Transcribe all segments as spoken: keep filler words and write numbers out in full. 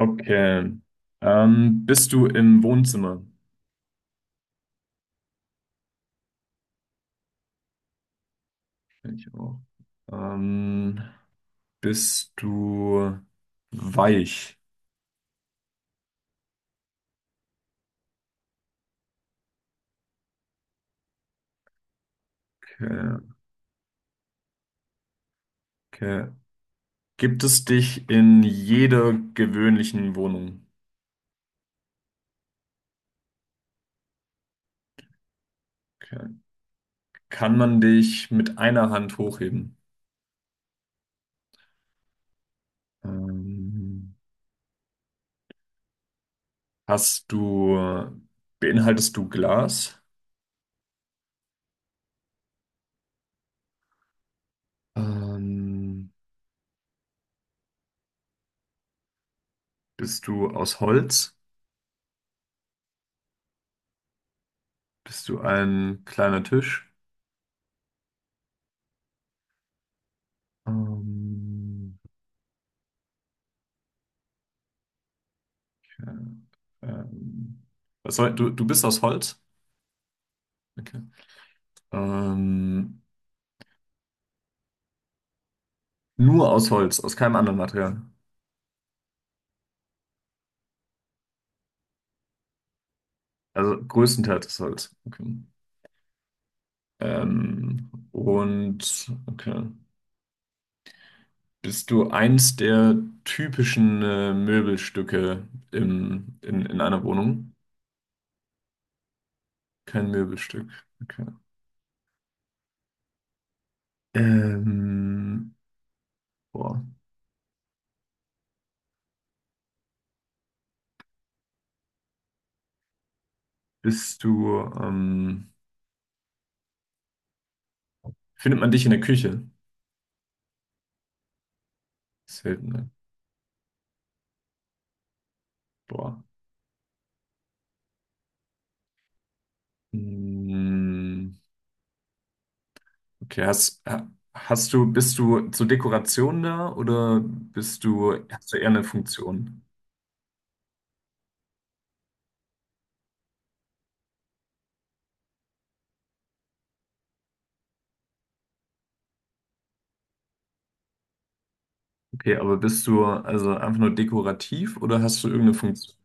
Okay. Ähm, bist du im Wohnzimmer? Ich auch. Ähm, Bist du weich? Okay. Okay. Gibt es dich in jeder gewöhnlichen Wohnung? Okay. Kann man dich mit einer Hand hochheben? Ähm, hast du, beinhaltest du Glas? Ähm, Bist du aus Holz? Bist du ein kleiner Tisch? Ähm, Ja, ähm, was soll, du, du bist aus Holz? Okay. Ähm, nur aus Holz, aus keinem anderen Material. Also größtenteils aus Holz. Okay. Ähm, und okay. Bist du eins der typischen äh, Möbelstücke im, in, in einer Wohnung? Kein Möbelstück. Okay. Ähm, boah. Bist du, ähm, findet man dich in der Küche? Selten, ne? Boah. Mm. Okay, hast, ha- hast du, bist du zur Dekoration da oder bist du, hast du eher eine Funktion? Okay, aber bist du also einfach nur dekorativ oder hast du irgendeine Funktion?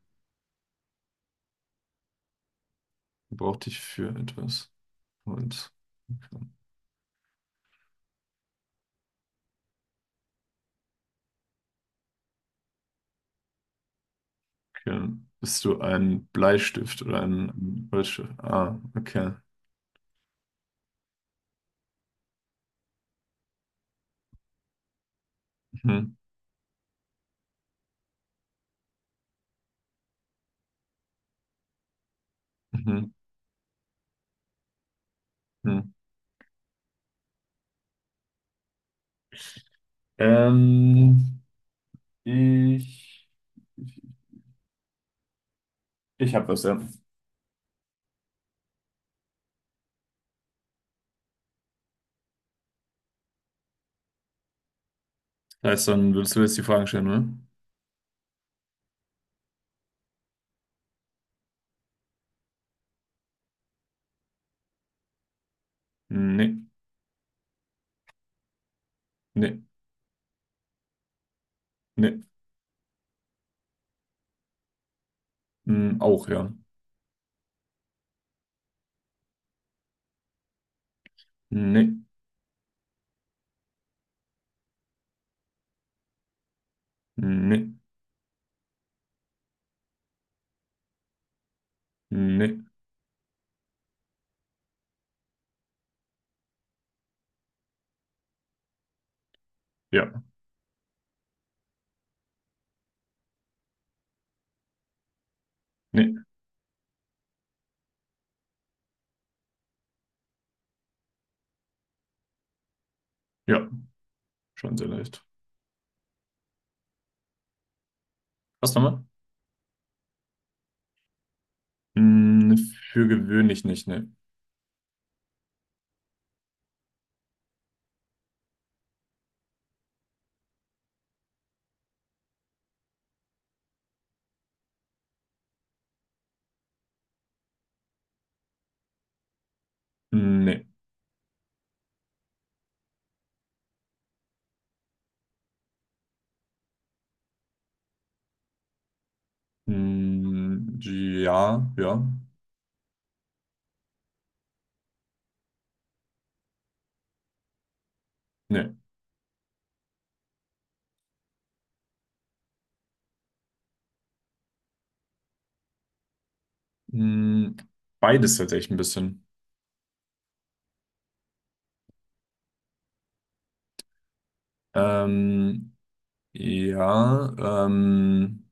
Braucht dich für etwas? Und okay. Bist du ein Bleistift oder ein, ein Holzstift? Ah, okay. Mhm, mhm, mhm. Ähm, ich, ich habe was, ja. Das heißt, dann würdest du jetzt die Fragen stellen, ne? Nee, nee, nee. Hm, auch, ja. Nee. Nee, nee, ja, nee, ja, schon sehr leicht. Was nochmal? Mm, für gewöhnlich nicht, nee. Nee. Mm, ja, ja, nee. Mm, beides tatsächlich ein bisschen. Ähm, ja, ähm,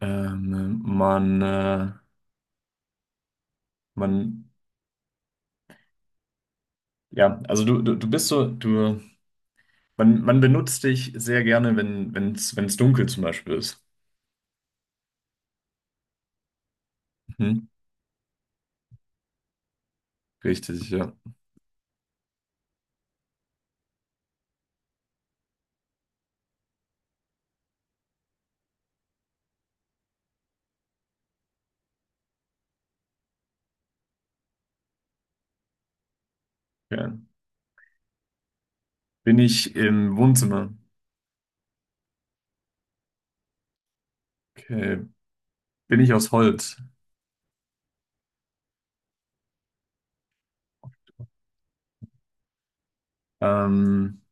ähm, man, äh, man, ja, also du, du, du bist so, du, man, man benutzt dich sehr gerne, wenn, wenn's, wenn's dunkel zum Beispiel ist. Mhm. Richtig, ja. Ja. Bin ich im Wohnzimmer? Okay. Bin ich aus Holz? Ähm,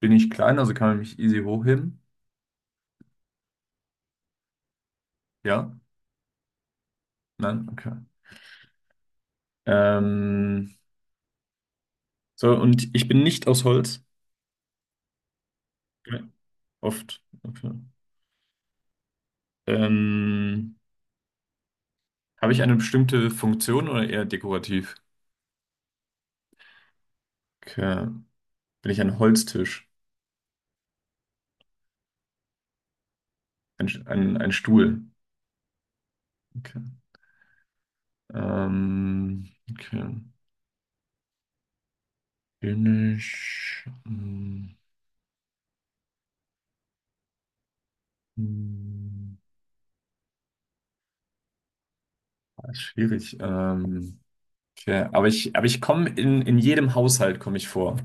bin ich klein, also kann man mich easy hochheben? Ja? Nein? Okay. Ähm, so, und ich bin nicht aus Holz? Ja, oft. Okay. Ähm, habe ich eine bestimmte Funktion oder eher dekorativ? Okay. Bin ich ein Holztisch? Ein, ein, ein Stuhl? Okay. Ähm, okay. Bin ich. mm, mm, ah, ist schwierig. Ähm, Okay, aber ich, aber ich komme in, in jedem Haushalt komme ich vor.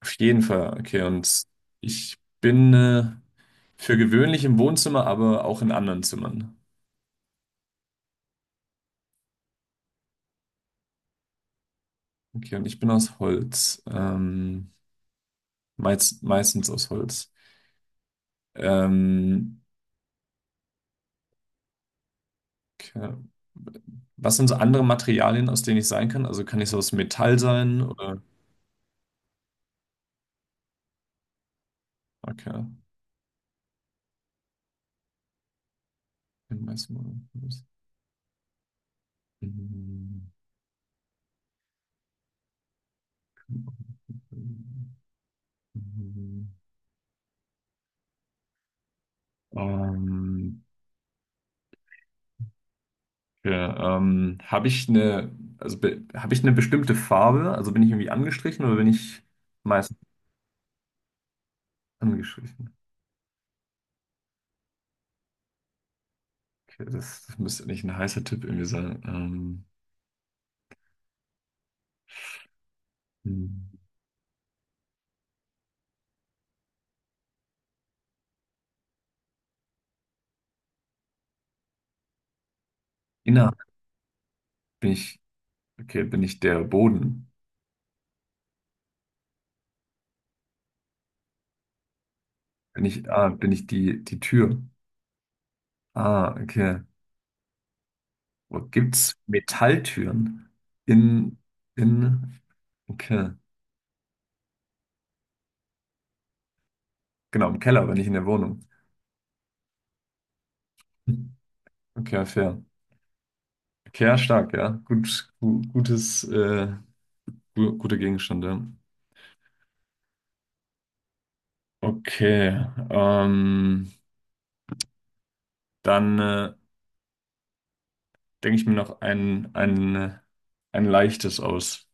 Auf jeden Fall. Okay, und ich bin äh, für gewöhnlich im Wohnzimmer, aber auch in anderen Zimmern. Okay, und ich bin aus Holz. Ähm, meist, meistens aus Holz. Ähm, okay. Was sind so andere Materialien, aus denen ich sein kann? Also kann ich so aus Metall sein oder? Okay. Bin meistens aus Holz. Ähm, Ja, ähm, habe ich eine, also be- habe ich eine bestimmte Farbe? Also bin ich irgendwie angestrichen oder bin ich meistens angestrichen? Okay, das, das müsste nicht ein heißer Tipp irgendwie sein. Ähm, hm. Innerhalb bin ich, okay, bin ich der Boden? Bin ich, ah, bin ich die, die Tür? Ah, okay. Wo gibt's Metalltüren? In, in, okay. Genau, im Keller, wenn ich in der Wohnung. Okay, fair. Okay, ja, stark, ja. Gut, gu- gutes, äh, Gu- guter Gegenstand, ja. Okay, ähm, dann äh, denke ich mir noch ein, ein, äh, ein leichtes aus.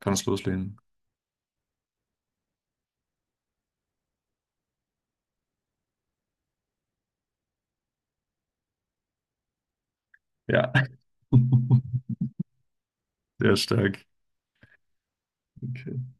Kannst loslegen. Ja, sehr stark. Okay.